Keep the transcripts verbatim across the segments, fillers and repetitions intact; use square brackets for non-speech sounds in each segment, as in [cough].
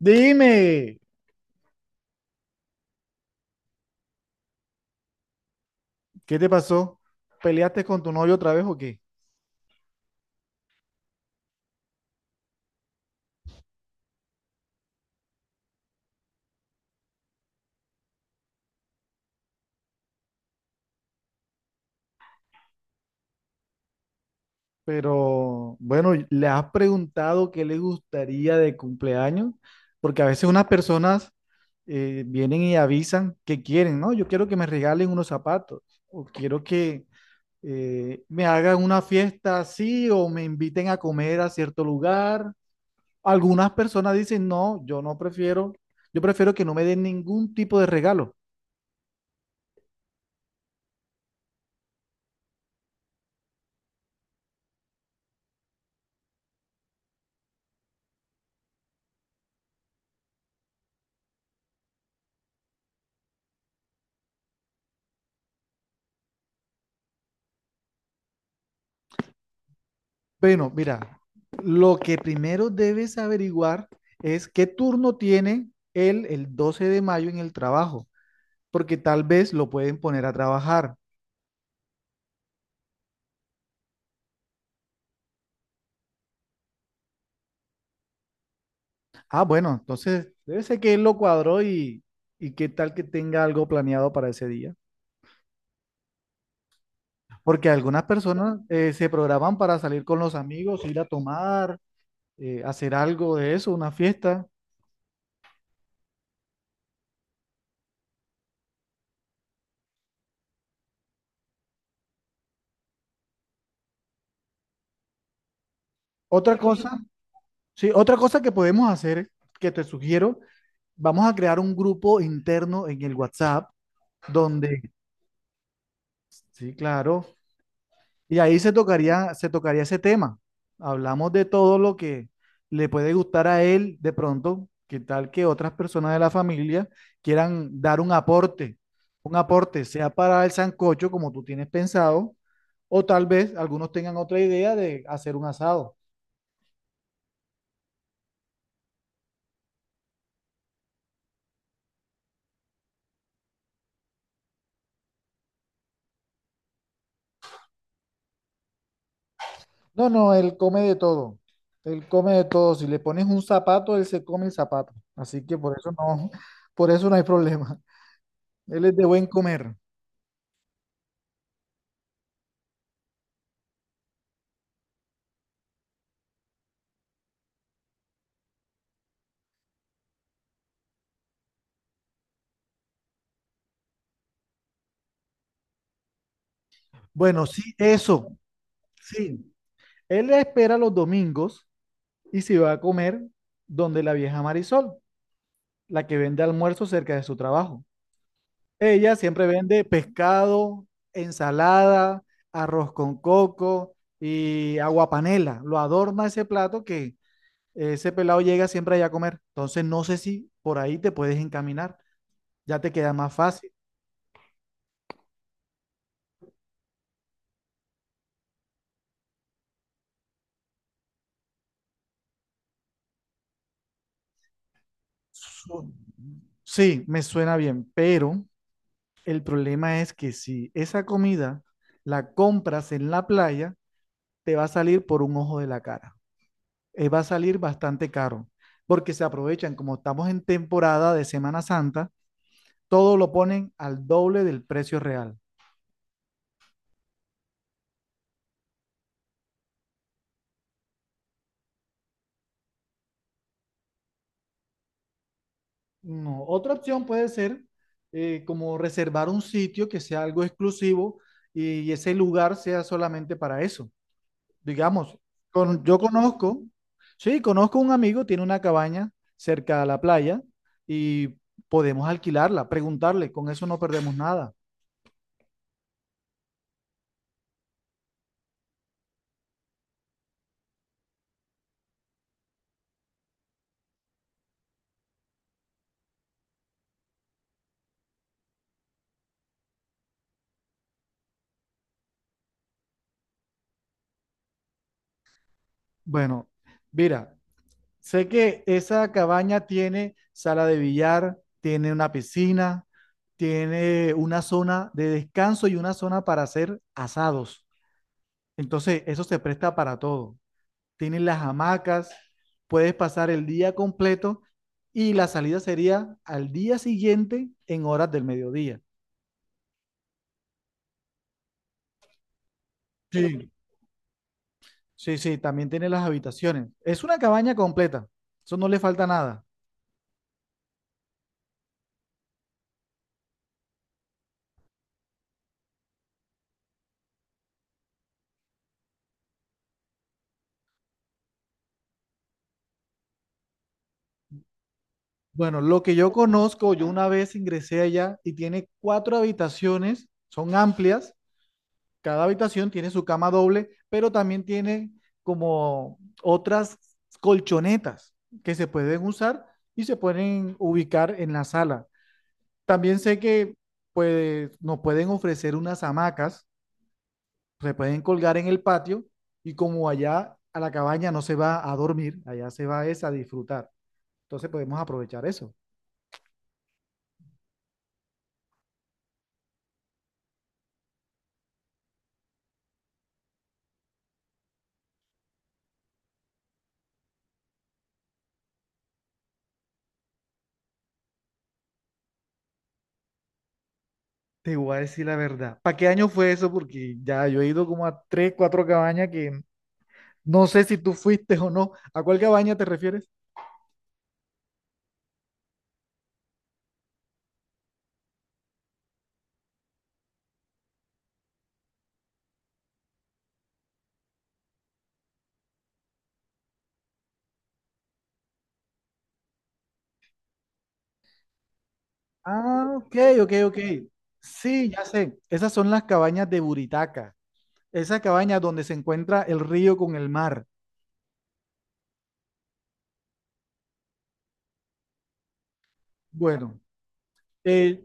Dime, ¿qué te pasó? ¿Peleaste con tu novio otra vez o qué? Pero bueno, ¿le has preguntado qué le gustaría de cumpleaños? Porque a veces unas personas eh, vienen y avisan que quieren, ¿no? Yo quiero que me regalen unos zapatos o quiero que eh, me hagan una fiesta así o me inviten a comer a cierto lugar. Algunas personas dicen, no, yo no prefiero, yo prefiero que no me den ningún tipo de regalo. Bueno, mira, lo que primero debes averiguar es qué turno tiene él el doce de mayo en el trabajo, porque tal vez lo pueden poner a trabajar. Ah, bueno, entonces debe ser que él lo cuadró y, y qué tal que tenga algo planeado para ese día. Porque algunas personas eh, se programan para salir con los amigos, ir a tomar, eh, hacer algo de eso, una fiesta. Otra cosa. Sí, otra cosa que podemos hacer, que te sugiero, vamos a crear un grupo interno en el WhatsApp donde, sí, claro, y ahí se tocaría, se tocaría ese tema. Hablamos de todo lo que le puede gustar a él de pronto, que tal que otras personas de la familia quieran dar un aporte, un aporte, sea para el sancocho como tú tienes pensado, o tal vez algunos tengan otra idea de hacer un asado. No, no, él come de todo. Él come de todo. Si le pones un zapato, él se come el zapato. Así que por eso no, por eso no hay problema. [laughs] Él es de buen comer. Bueno, sí, eso. Sí. Él espera los domingos y se va a comer donde la vieja Marisol, la que vende almuerzo cerca de su trabajo. Ella siempre vende pescado, ensalada, arroz con coco y agua panela. Lo adorna ese plato que ese pelado llega siempre allá a comer. Entonces no sé si por ahí te puedes encaminar, ya te queda más fácil. Su- Sí, me suena bien, pero el problema es que si esa comida la compras en la playa, te va a salir por un ojo de la cara. Eh, va a salir bastante caro, porque se aprovechan, como estamos en temporada de Semana Santa, todo lo ponen al doble del precio real. No, otra opción puede ser eh, como reservar un sitio que sea algo exclusivo y ese lugar sea solamente para eso. Digamos, con, yo conozco, sí, conozco un amigo, tiene una cabaña cerca a la playa y podemos alquilarla, preguntarle, con eso no perdemos nada. Bueno, mira, sé que esa cabaña tiene sala de billar, tiene una piscina, tiene una zona de descanso y una zona para hacer asados. Entonces, eso se presta para todo. Tienen las hamacas, puedes pasar el día completo y la salida sería al día siguiente en horas del mediodía. Sí. Sí, sí, también tiene las habitaciones. Es una cabaña completa, eso no le falta nada. Bueno, lo que yo conozco, yo una vez ingresé allá y tiene cuatro habitaciones, son amplias. Cada habitación tiene su cama doble, pero también tiene como otras colchonetas que se pueden usar y se pueden ubicar en la sala. También sé que pues, nos pueden ofrecer unas hamacas, se pueden colgar en el patio y como allá a la cabaña no se va a dormir, allá se va es a disfrutar. Entonces podemos aprovechar eso. Te voy a decir la verdad. ¿Para qué año fue eso? Porque ya yo he ido como a tres, cuatro cabañas que... No sé si tú fuiste o no. ¿A cuál cabaña te refieres? Ah, ok, ok, ok. Sí, ya sé. Esas son las cabañas de Buritaca. Esa cabaña donde se encuentra el río con el mar. Bueno, eh,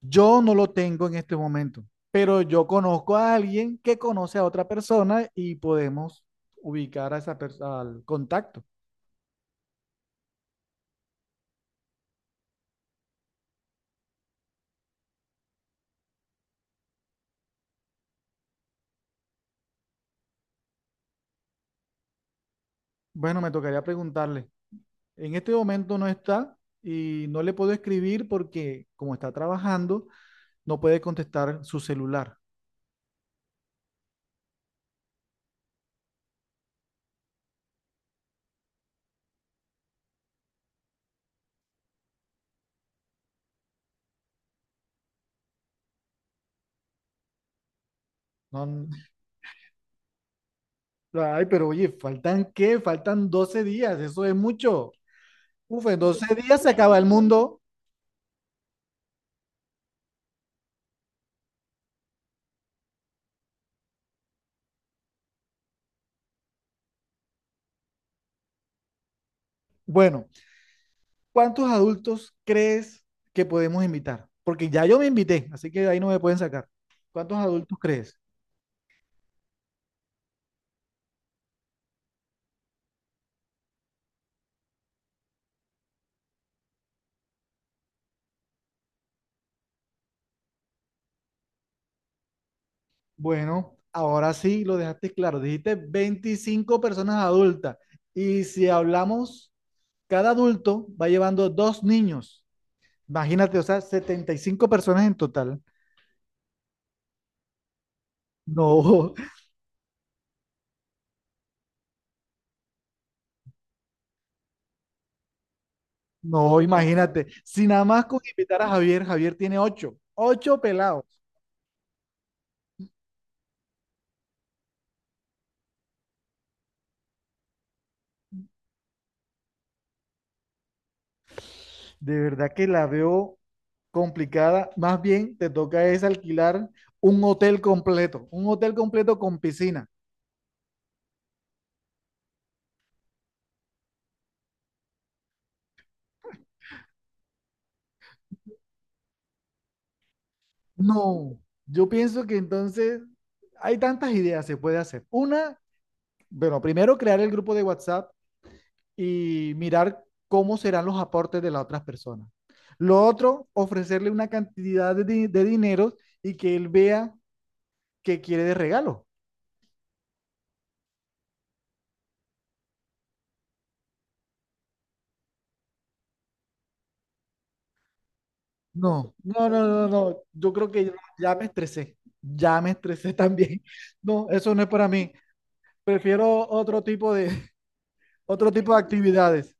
yo no lo tengo en este momento, pero yo conozco a alguien que conoce a otra persona y podemos ubicar a esa persona al contacto. Bueno, me tocaría preguntarle. En este momento no está y no le puedo escribir porque como está trabajando, no puede contestar su celular. No, n- ay, pero oye, ¿faltan qué? Faltan doce días, eso es mucho. Uf, en doce días se acaba el mundo. Bueno, ¿cuántos adultos crees que podemos invitar? Porque ya yo me invité, así que de ahí no me pueden sacar. ¿Cuántos adultos crees? Bueno, ahora sí lo dejaste claro. Dijiste veinticinco personas adultas. Y si hablamos, cada adulto va llevando dos niños. Imagínate, o sea, setenta y cinco personas en total. No, [laughs] no, imagínate. Si nada más con invitar a Javier, Javier tiene ocho, ocho pelados. De verdad que la veo complicada. Más bien te toca es alquilar un hotel completo, un hotel completo con piscina. No, yo pienso que entonces hay tantas ideas se puede hacer. Una, bueno, primero crear el grupo de WhatsApp y mirar cómo serán los aportes de las otras personas. Lo otro, ofrecerle una cantidad de, di- de dinero y que él vea qué quiere de regalo. No, no, no, no, no. Yo creo que ya, ya me estresé. Ya me estresé también. [laughs] No, eso no es para mí. Prefiero otro tipo de, [laughs] otro tipo de actividades.